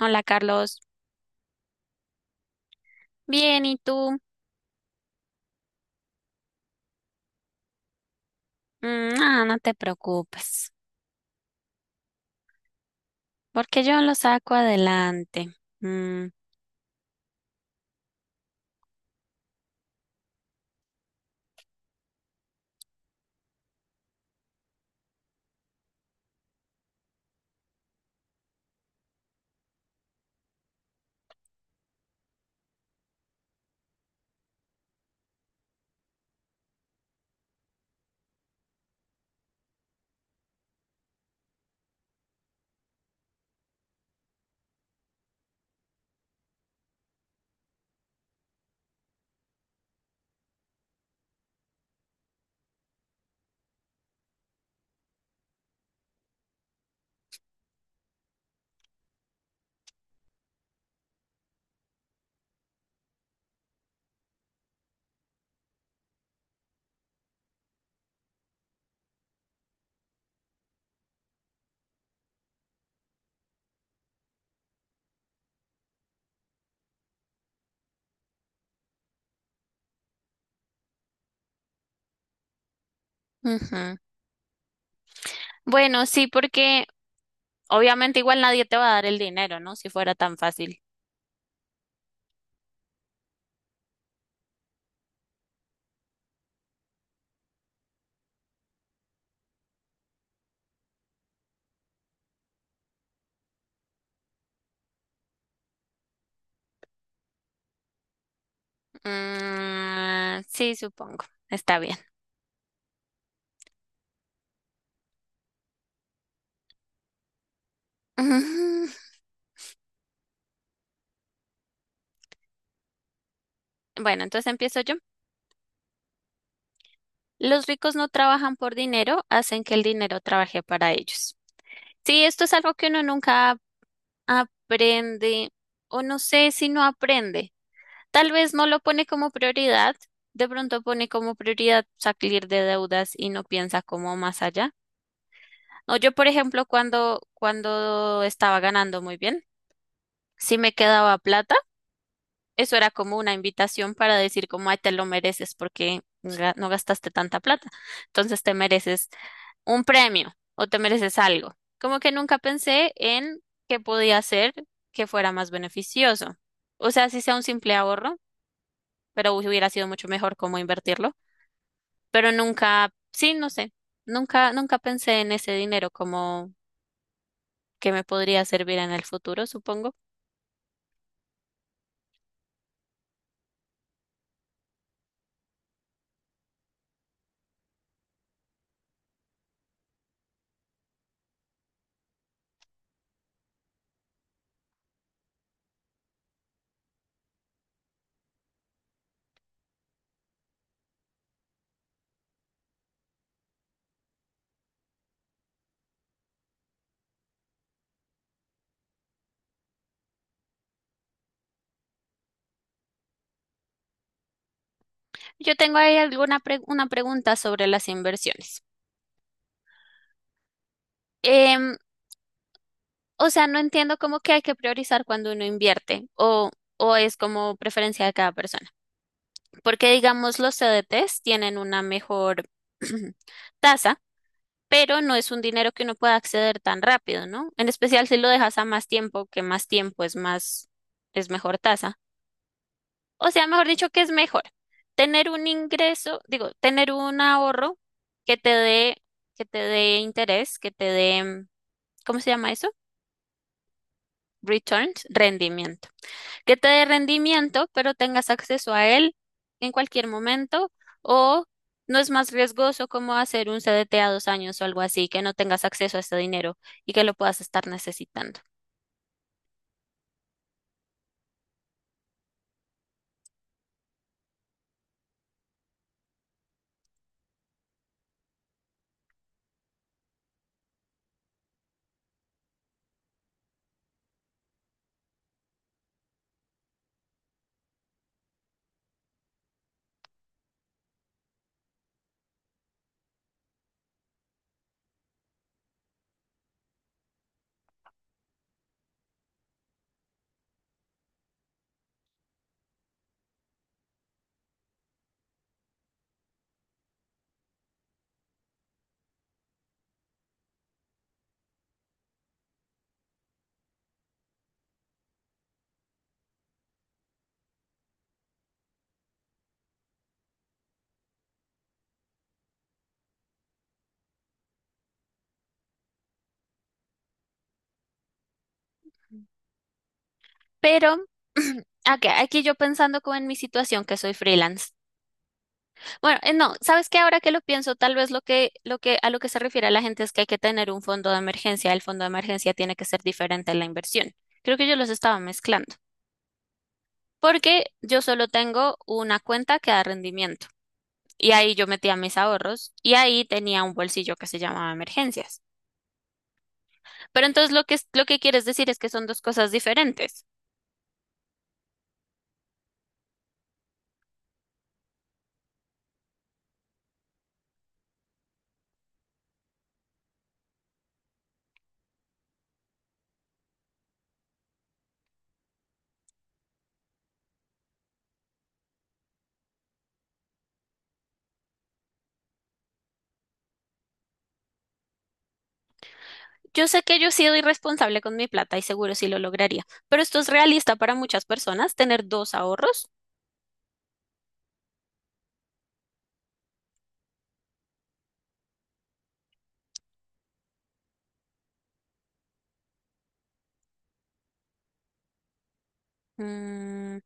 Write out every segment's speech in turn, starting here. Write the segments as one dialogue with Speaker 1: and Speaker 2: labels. Speaker 1: Hola Carlos, bien, ¿y tú? Mm, no te preocupes, porque yo lo saco adelante. Mm, ujú. Bueno, sí, porque obviamente igual nadie te va a dar el dinero, ¿no? Si fuera tan fácil. Mm, sí, supongo, está bien. Ujú. Bueno, entonces empiezo yo. Los ricos no trabajan por dinero, hacen que el dinero trabaje para ellos. Sí, esto es algo que uno nunca aprende, o no sé si no aprende. Tal vez no lo pone como prioridad, de pronto pone como prioridad salir de deudas y no piensa como más allá. No, yo, por ejemplo, cuando estaba ganando muy bien, si me quedaba plata, eso era como una invitación para decir como, ay, te lo mereces porque no gastaste tanta plata. Entonces te mereces un premio o te mereces algo. Como que nunca pensé en qué podía hacer que fuera más beneficioso. O sea, si sea un simple ahorro, pero hubiera sido mucho mejor cómo invertirlo. Pero nunca, sí, no sé, nunca pensé en ese dinero como que me podría servir en el futuro, supongo. Yo tengo ahí alguna una pregunta sobre las inversiones. Em, o sea, no entiendo cómo que hay que priorizar cuando uno invierte, o es como preferencia de cada persona. Porque digamos, los CDTs tienen una mejor tasa, pero no es un dinero que uno pueda acceder tan rápido, ¿no? En especial si lo dejas a más tiempo, que más tiempo es más, es mejor tasa. O sea, mejor dicho, que es mejor tener un ingreso, digo, tener un ahorro que te dé, que te dé interés, que te dé, ¿cómo se llama eso? Returns, rendimiento. Que te dé rendimiento, pero tengas acceso a él en cualquier momento, o no es más riesgoso como hacer un CDT a dos años o algo así, que no tengas acceso a ese dinero y que lo puedas estar necesitando. Pero, aquí yo pensando como en mi situación, que soy freelance. Bueno, no, ¿sabes qué? Ahora que lo pienso, tal vez a lo que se refiere la gente es que hay que tener un fondo de emergencia. El fondo de emergencia tiene que ser diferente a la inversión. Creo que yo los estaba mezclando, porque yo solo tengo una cuenta que da rendimiento. Y ahí yo metía mis ahorros y ahí tenía un bolsillo que se llamaba emergencias. Pero entonces lo que quieres decir es que son dos cosas diferentes. Yo sé que yo he sido irresponsable con mi plata y seguro sí lo lograría, pero esto es realista para muchas personas, tener dos ahorros. Mm,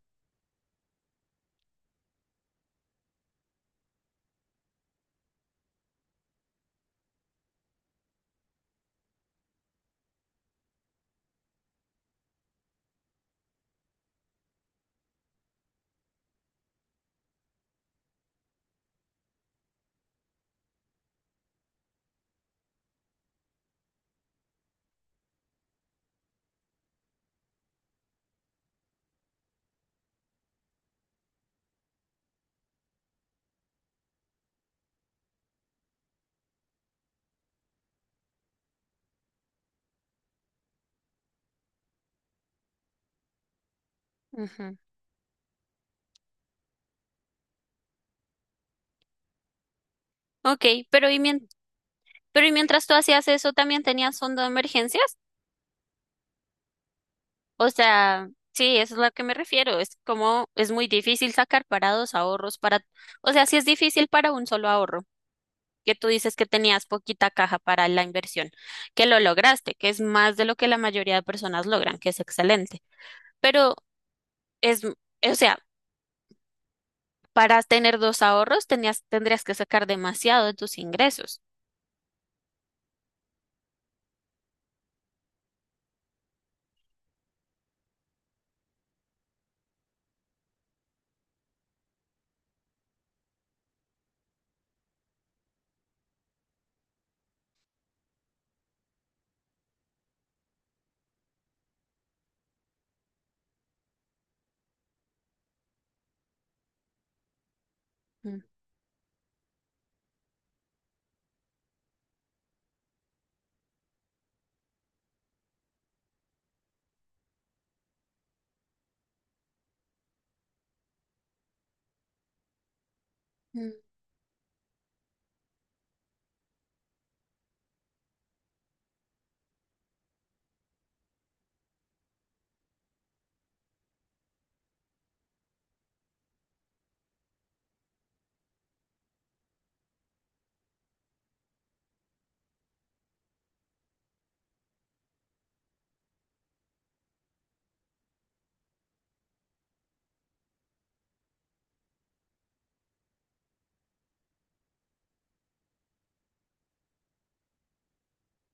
Speaker 1: ujú. Ok, pero pero y mientras tú hacías eso, ¿también tenías fondo de emergencias? O sea, sí, eso es a lo que me refiero. Es como es muy difícil sacar para dos ahorros, para, o sea, sí es difícil para un solo ahorro, que tú dices que tenías poquita caja para la inversión, que lo lograste, que es más de lo que la mayoría de personas logran, que es excelente. Pero es, o sea, para tener dos ahorros tenías, tendrías que sacar demasiado de tus ingresos. Mm.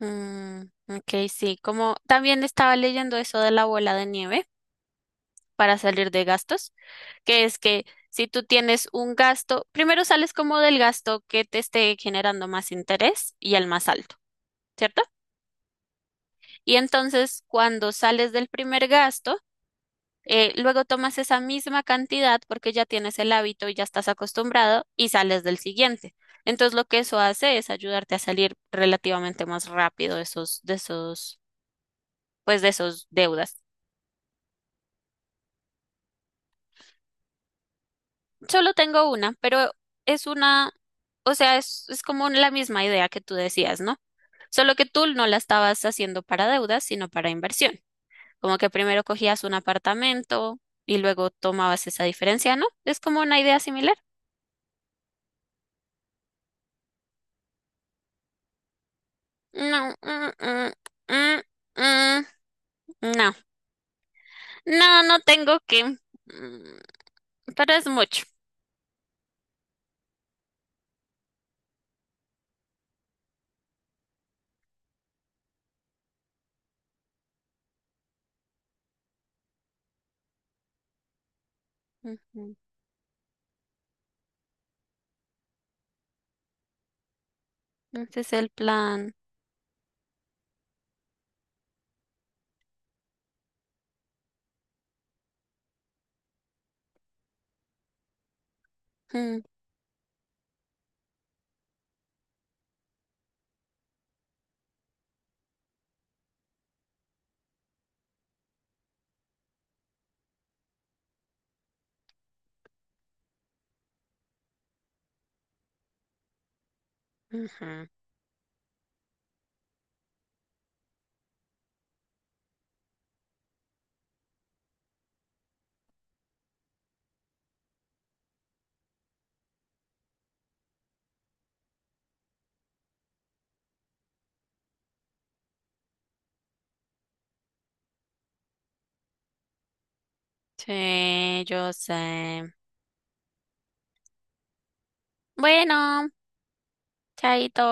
Speaker 1: Mm, ok, sí, como también estaba leyendo eso de la bola de nieve para salir de gastos, que es que si tú tienes un gasto, primero sales como del gasto que te esté generando más interés y el más alto, ¿cierto? Y entonces cuando sales del primer gasto, luego tomas esa misma cantidad porque ya tienes el hábito y ya estás acostumbrado y sales del siguiente. Entonces lo que eso hace es ayudarte a salir relativamente más rápido de pues de esos deudas. Solo tengo una, pero es una, o sea, es como la misma idea que tú decías, ¿no? Solo que tú no la estabas haciendo para deudas, sino para inversión. Como que primero cogías un apartamento y luego tomabas esa diferencia, ¿no? Es como una idea similar. No, mm, mm, no, no no tengo que, mm, pero es mucho. Ujú. Ese es el plan. Mm, ujú. Sí, yo sé. Bueno, chaito.